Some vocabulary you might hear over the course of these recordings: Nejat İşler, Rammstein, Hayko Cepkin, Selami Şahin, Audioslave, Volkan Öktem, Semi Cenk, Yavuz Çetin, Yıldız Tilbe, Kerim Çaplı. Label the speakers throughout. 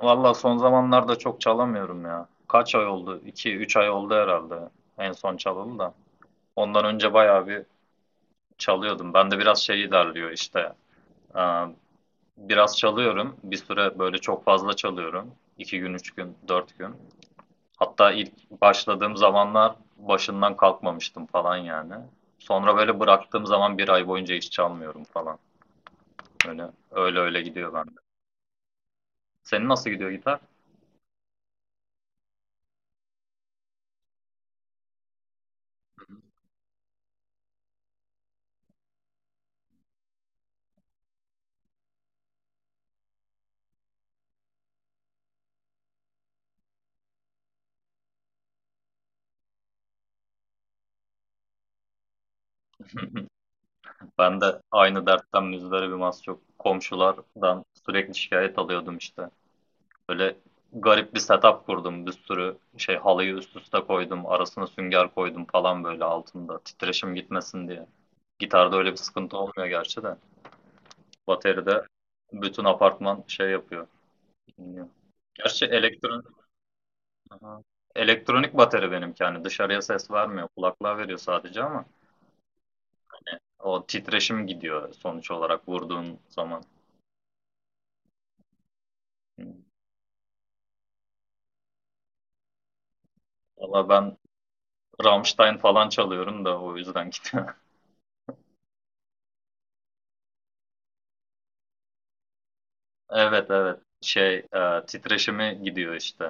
Speaker 1: Valla son zamanlarda çok çalamıyorum ya. Kaç ay oldu? 2 üç ay oldu herhalde en son çalalı da. Ondan önce bayağı bir çalıyordum. Ben de biraz şey ilerliyor işte. Ee, Biraz çalıyorum. Bir süre böyle çok fazla çalıyorum. 2 gün, 3 gün, 4 gün. Hatta ilk başladığım zamanlar başından kalkmamıştım falan yani. Sonra böyle bıraktığım zaman bir ay boyunca hiç çalmıyorum falan. Öyle öyle, öyle gidiyor bende. Senin nasıl gidiyor gitar? Ben de aynı dertten müzdaribim az çok. Komşulardan sürekli şikayet alıyordum işte. Böyle garip bir setup kurdum. Bir sürü şey halıyı üst üste koydum. Arasına sünger koydum falan böyle altında. Titreşim gitmesin diye. Gitarda öyle bir sıkıntı olmuyor gerçi de. Bateride bütün apartman şey yapıyor. Dinliyor. Gerçi Aha. Elektronik bateri benimki. Yani dışarıya ses vermiyor. Kulaklığa veriyor sadece ama o titreşim gidiyor sonuç olarak vurduğun zaman. Valla ben Rammstein falan çalıyorum da o yüzden gidiyor. Evet evet. Titreşimi gidiyor işte.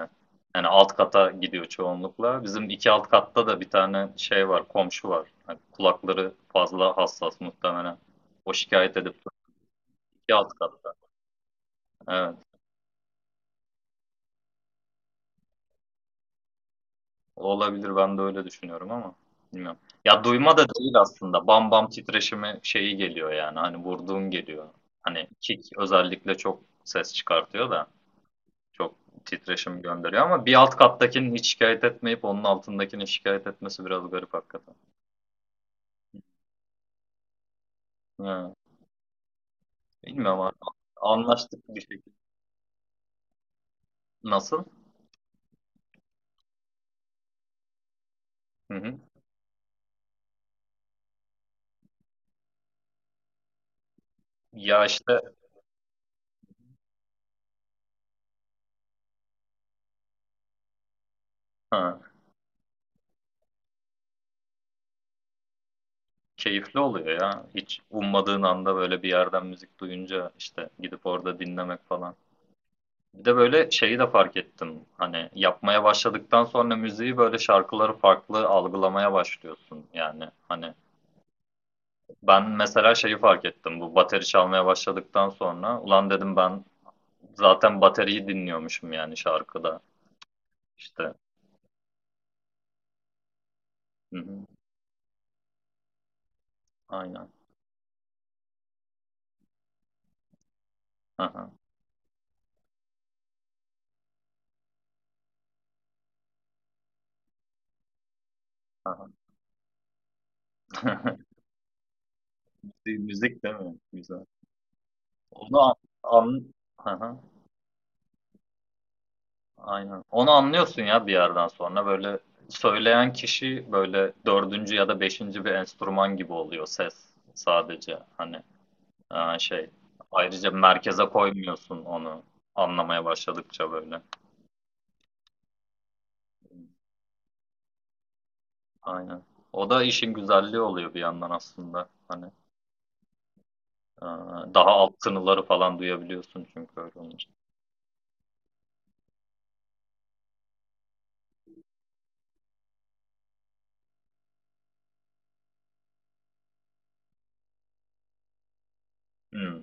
Speaker 1: Yani alt kata gidiyor çoğunlukla. Bizim iki alt katta da bir tane şey var, komşu var. Hani kulakları fazla hassas muhtemelen. O şikayet edip iki alt katta. Evet. Olabilir ben de öyle düşünüyorum ama bilmiyorum. Ya duyma da değil aslında. Bam bam titreşimi şeyi geliyor yani. Hani vurduğun geliyor. Hani kick özellikle çok ses çıkartıyor da. Çok titreşim gönderiyor ama bir alt kattakinin hiç şikayet etmeyip onun altındakinin şikayet etmesi biraz garip hakikaten. Ha, bilmiyorum abi. Anlaştık bir şekilde. Nasıl? Hı hı. Ya işte ha, keyifli oluyor ya. Hiç ummadığın anda böyle bir yerden müzik duyunca işte gidip orada dinlemek falan. Bir de böyle şeyi de fark ettim. Hani yapmaya başladıktan sonra müziği böyle şarkıları farklı algılamaya başlıyorsun. Yani hani. Ben mesela şeyi fark ettim. Bu bateri çalmaya başladıktan sonra ulan dedim ben zaten bateriyi dinliyormuşum yani şarkıda. İşte. Hı hı. Aynen. Hı hı. Hı hı. Müzik değil mi? Güzel. Onu an, an Hı hı. Aynen. Onu anlıyorsun ya bir yerden sonra böyle söyleyen kişi böyle dördüncü ya da beşinci bir enstrüman gibi oluyor ses sadece hani e, şey ayrıca merkeze koymuyorsun onu anlamaya başladıkça böyle. Aynen. O da işin güzelliği oluyor bir yandan aslında. Hani e, daha alt tınıları falan duyabiliyorsun çünkü öyle olunca. Hmm,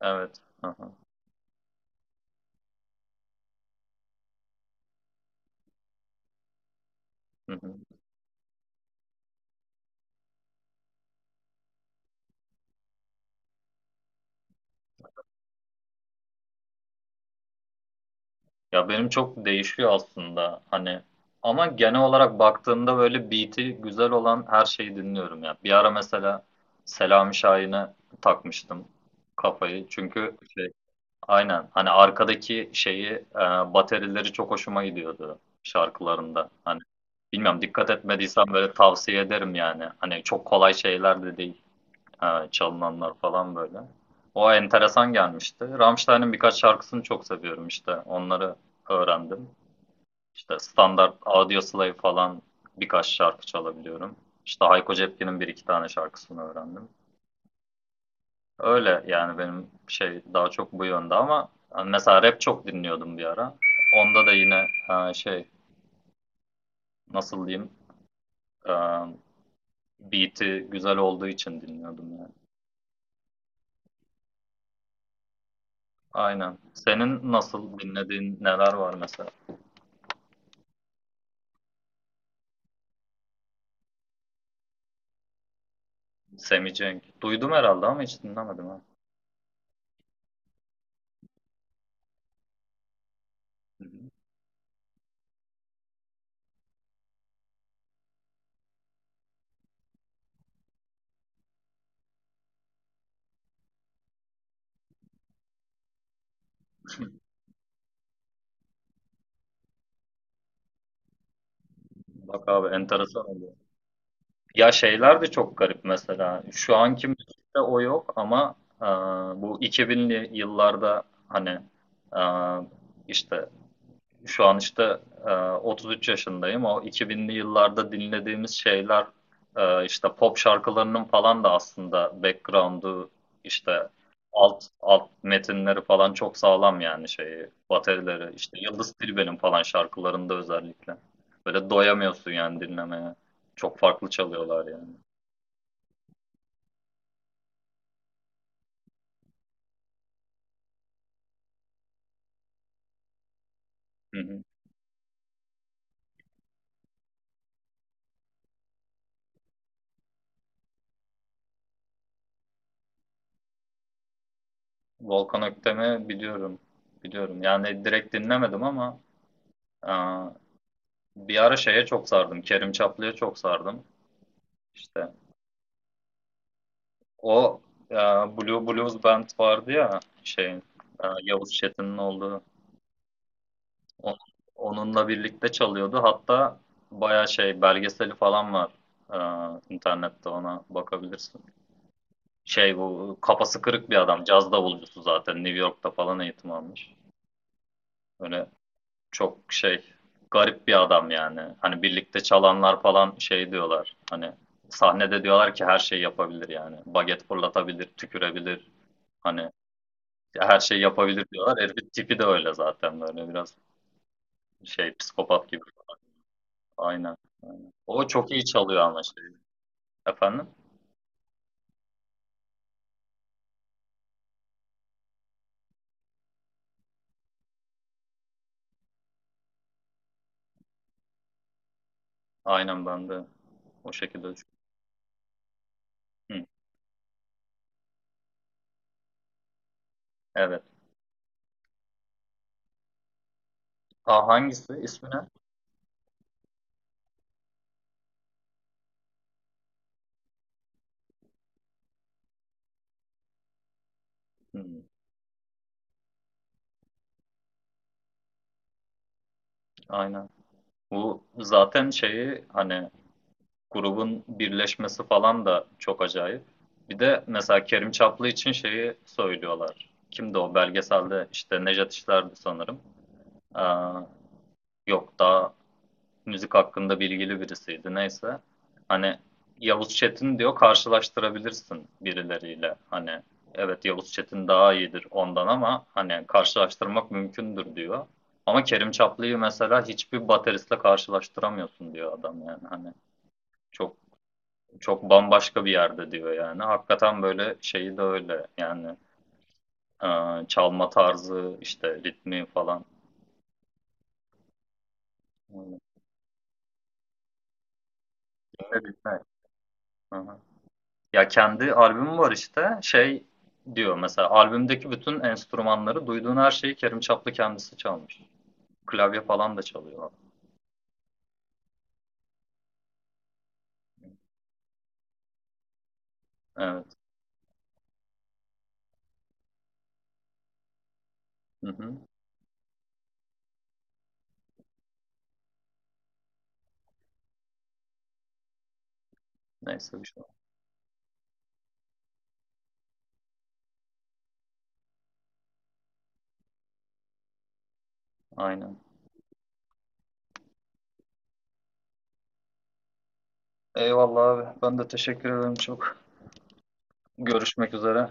Speaker 1: evet. Aha, hı hı. Ya benim çok değişiyor aslında. Hani ama genel olarak baktığımda böyle beat'i güzel olan her şeyi dinliyorum ya. Bir ara mesela Selami Şahin'e takmıştım kafayı. Çünkü Aynen. Hani arkadaki şeyi, e, baterileri çok hoşuma gidiyordu şarkılarında. Hani bilmiyorum dikkat etmediysen böyle tavsiye ederim yani. Hani çok kolay şeyler de değil çalınanlar falan böyle. O enteresan gelmişti. Rammstein'in birkaç şarkısını çok seviyorum işte. Onları öğrendim. İşte standart Audioslave falan birkaç şarkı çalabiliyorum. İşte Hayko Cepkin'in bir iki tane şarkısını öğrendim. Öyle yani benim şey daha çok bu yönde ama hani mesela rap çok dinliyordum bir ara. Onda da yine e, şey nasıl diyeyim e, beat'i güzel olduğu için dinliyordum yani. Aynen. Senin nasıl dinlediğin neler var mesela? Semi Cenk. Duydum herhalde ama hiç dinlemedim ha. Hı hı. Bak abi enteresan oluyor. Ya şeyler de çok garip mesela. Şu anki müzikte o yok ama e, bu 2000'li yıllarda hani e, işte Şu an işte 33 yaşındayım. O 2000'li yıllarda dinlediğimiz şeyler işte pop şarkılarının falan da aslında background'u işte alt metinleri falan çok sağlam yani şeyi baterileri işte Yıldız Tilbe'nin falan şarkılarında özellikle. Böyle doyamıyorsun yani dinlemeye. Çok farklı çalıyorlar yani. Hı hı. Volkan Öktem'i biliyorum. Biliyorum. Yani direkt dinlemedim ama e, bir ara şeye çok sardım. Kerim Çaplı'ya çok sardım. İşte o e, Blue Blues Band vardı ya Yavuz Çetin'in olduğu O- onunla birlikte çalıyordu. Hatta baya şey belgeseli falan var internette ona bakabilirsin. Şey bu kafası kırık bir adam caz davulcusu zaten New York'ta falan eğitim almış. Böyle çok şey garip bir adam yani. Hani birlikte çalanlar falan şey diyorlar hani sahnede diyorlar ki her şeyi yapabilir yani. Baget fırlatabilir, tükürebilir. Hani ya her şeyi yapabilir diyorlar. Herifin tipi de öyle zaten böyle biraz şey psikopat gibi. Aynen. O çok iyi çalıyor ama şey. Efendim? Aynen ben de o şekilde düşünüyorum. Hı, evet. Ha, hangisi? İsmi ne? Hı, aynen. Bu zaten şeyi hani grubun birleşmesi falan da çok acayip. Bir de mesela Kerim Çaplı için şeyi söylüyorlar. Kimdi o belgeselde? İşte Nejat İşler'di sanırım. Aa, yok daha müzik hakkında bilgili birisiydi neyse. Hani Yavuz Çetin diyor karşılaştırabilirsin birileriyle. Hani evet Yavuz Çetin daha iyidir ondan ama hani karşılaştırmak mümkündür diyor. Ama Kerim Çaplı'yı mesela hiçbir bateristle karşılaştıramıyorsun diyor adam yani hani çok çok bambaşka bir yerde diyor yani. Hakikaten böyle şeyi de öyle yani e, çalma tarzı işte ritmi falan. Öyle. Ritmi? Hı hı. Ya kendi albümü var işte. Şey diyor mesela albümdeki bütün enstrümanları duyduğun her şeyi Kerim Çaplı kendisi çalmış. Klavye falan da çalıyor. Evet. Hı hı. Neyse bir şey. Aynen. Eyvallah abi. Ben de teşekkür ederim çok. Görüşmek üzere.